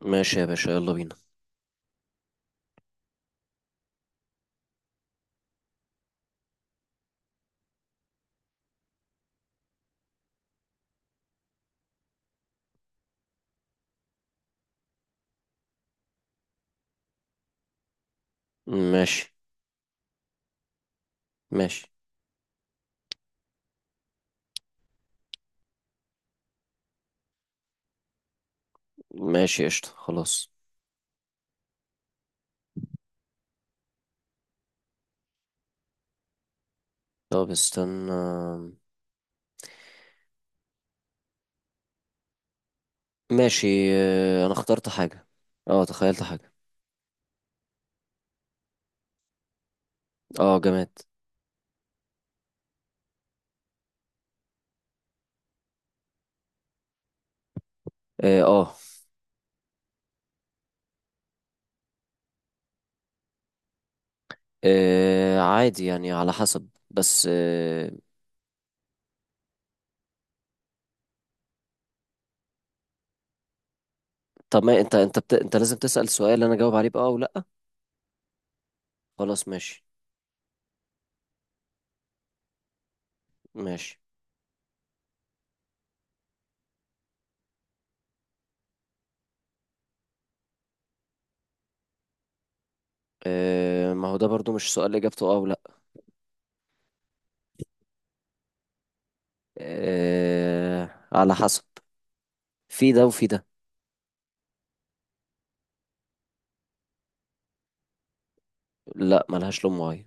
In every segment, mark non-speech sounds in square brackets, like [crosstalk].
ماشي يا باشا، يلا بينا. ماشي. ماشي. ماشي. قشطة خلاص. طب استنى. ماشي. آه، انا اخترت حاجة. اه، تخيلت حاجة. اه، جماد. اه، آه. آه، عادي يعني على حسب بس طب ما انت لازم تسأل سؤال انا اجاوب عليه بأه او لا. خلاص ماشي. ماشي. آه، ما هو ده برضو مش سؤال اجابته اه او لا. آه، على حسب. في ده وفي ده. لا، ملهاش لون معين.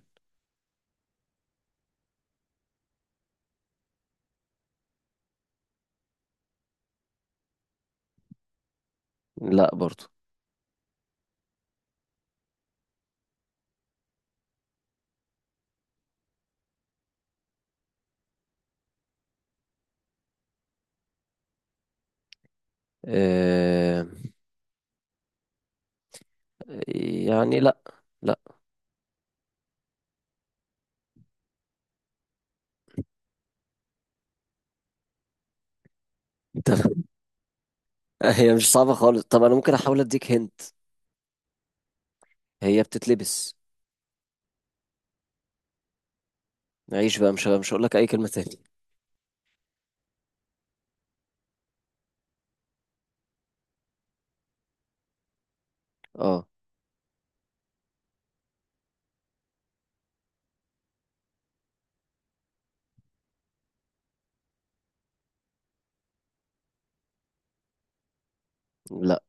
لا برضو. آه، يعني لا. لا. [laughs] طب، هي مش صعبة خالص. طب أنا ممكن أحاول أديك هنت. هي بتتلبس. عيش بقى، مش هقول لك أي كلمة تاني. اه. لا.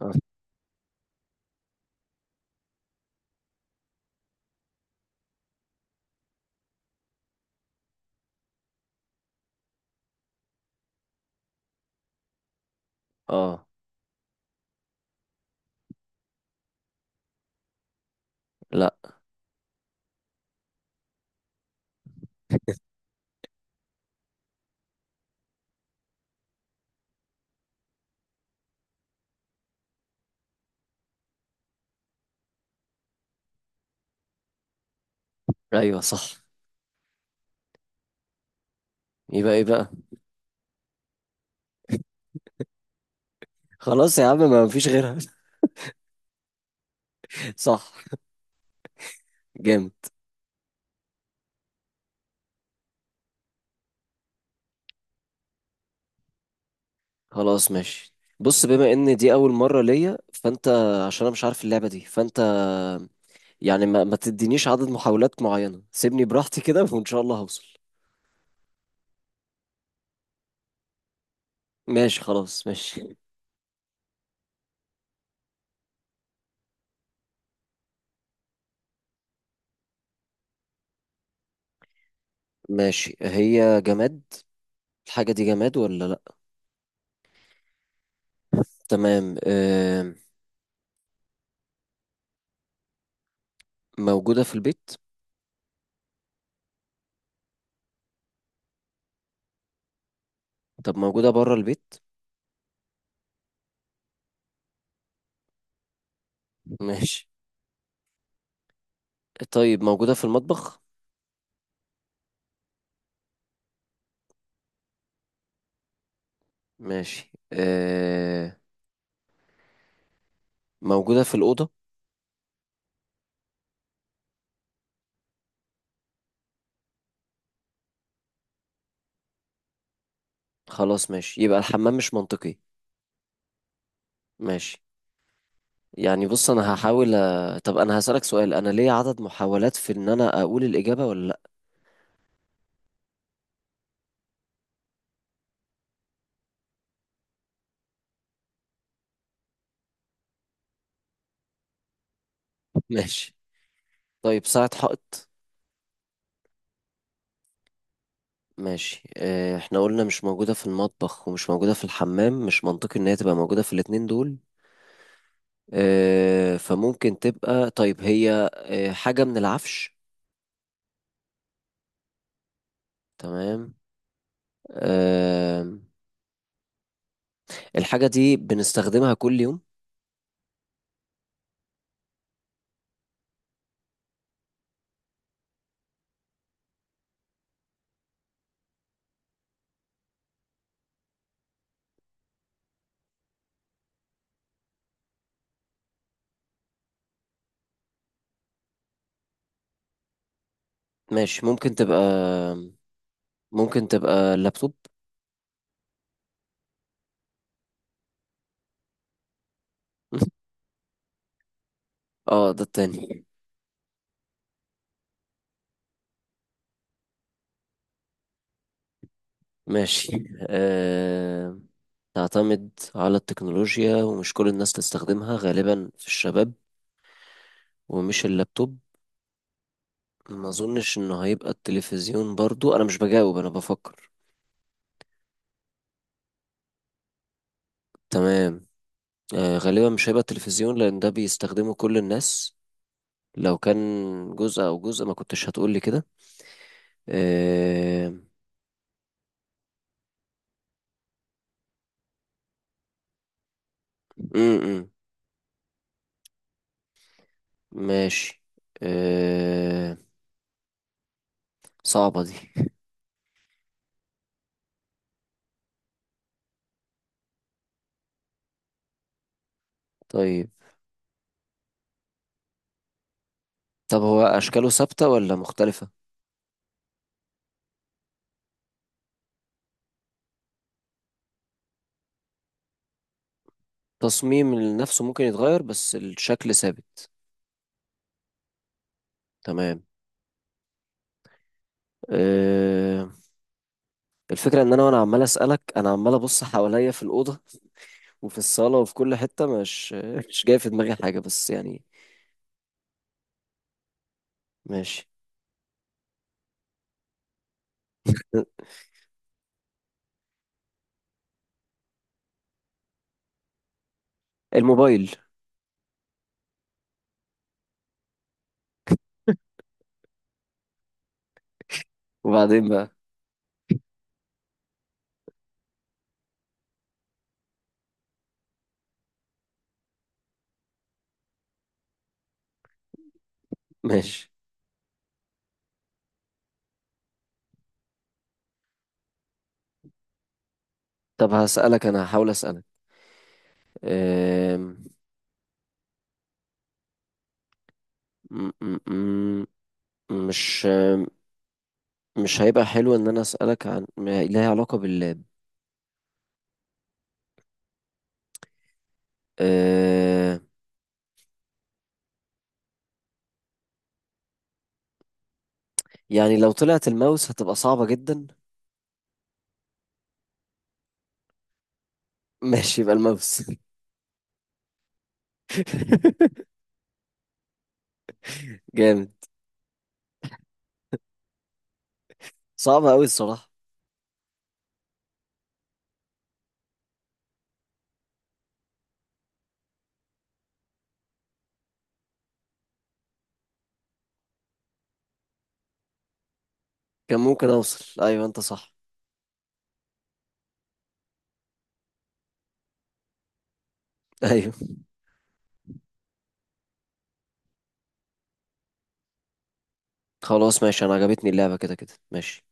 اه. آه. لا. أيوه صح. يبقى إيه بقى؟ خلاص يا عم، ما فيش غيرها. [laughs] صح. جامد. خلاص ماشي. بص، بما إن دي أول مرة ليا فأنت... عشان أنا مش عارف اللعبة دي فأنت... يعني ما تدينيش عدد محاولات معينة، سيبني براحتي كده وإن شاء الله هوصل. ماشي خلاص ماشي. ماشي، هي جماد؟ الحاجة دي جماد ولا لأ؟ تمام، آه. موجودة في البيت؟ طب موجودة برا البيت؟ ماشي. طيب موجودة في المطبخ؟ ماشي، آه. موجودة في الأوضة؟ خلاص ماشي، يبقى الحمام مش منطقي. ماشي. يعني بص، أنا هحاول طب أنا هسألك سؤال. أنا ليا عدد محاولات في إن أنا أقول الإجابة ولا لأ؟ [laughs] ماشي. طيب، ساعة حائط؟ ماشي، آه، احنا قلنا مش موجودة في المطبخ ومش موجودة في الحمام، مش منطقي ان هي تبقى موجودة في الاتنين دول. آه، فممكن تبقى. طيب هي حاجة من العفش؟ تمام. آه، الحاجة دي بنستخدمها كل يوم؟ ماشي، ممكن تبقى. ممكن تبقى لابتوب؟ [laughs] اه، ده التاني. ماشي. آه، تعتمد على التكنولوجيا ومش كل الناس تستخدمها، غالبا في الشباب. ومش اللابتوب. ما اظنش انه هيبقى التلفزيون برضو، انا مش بجاوب انا بفكر. تمام. آه، غالبا مش هيبقى التلفزيون لان ده بيستخدمه كل الناس. لو كان جزء او جزء ما كنتش هتقولي كده. آه... م -م. ماشي. آه... صعبة دي. طيب. طب هو اشكاله ثابتة ولا مختلفة؟ تصميم نفسه ممكن يتغير بس الشكل ثابت. تمام. آه... الفكرة ان انا وانا عمال اسألك، انا عمال ابص حواليا في الأوضة وفي الصالة وفي كل حتة، مش [laughs] مش جاي في دماغي حاجة بس يعني. ماشي. الموبايل. وبعدين بقى؟ ماشي. طب هسألك، انا هحاول اسألك. أم، م- م- م- مش مش هيبقى حلو ان انا اسالك عن ما لها علاقه باللاب؟ أه، يعني لو طلعت الماوس هتبقى صعبه جدا. [laughs] ماشي، يبقى الماوس. [laughs] جامد. صعبه قوي الصراحه. كان ممكن اوصل، ايوه انت صح. ايوه. خلاص ماشي، انا عجبتني اللعبه كده كده. ماشي.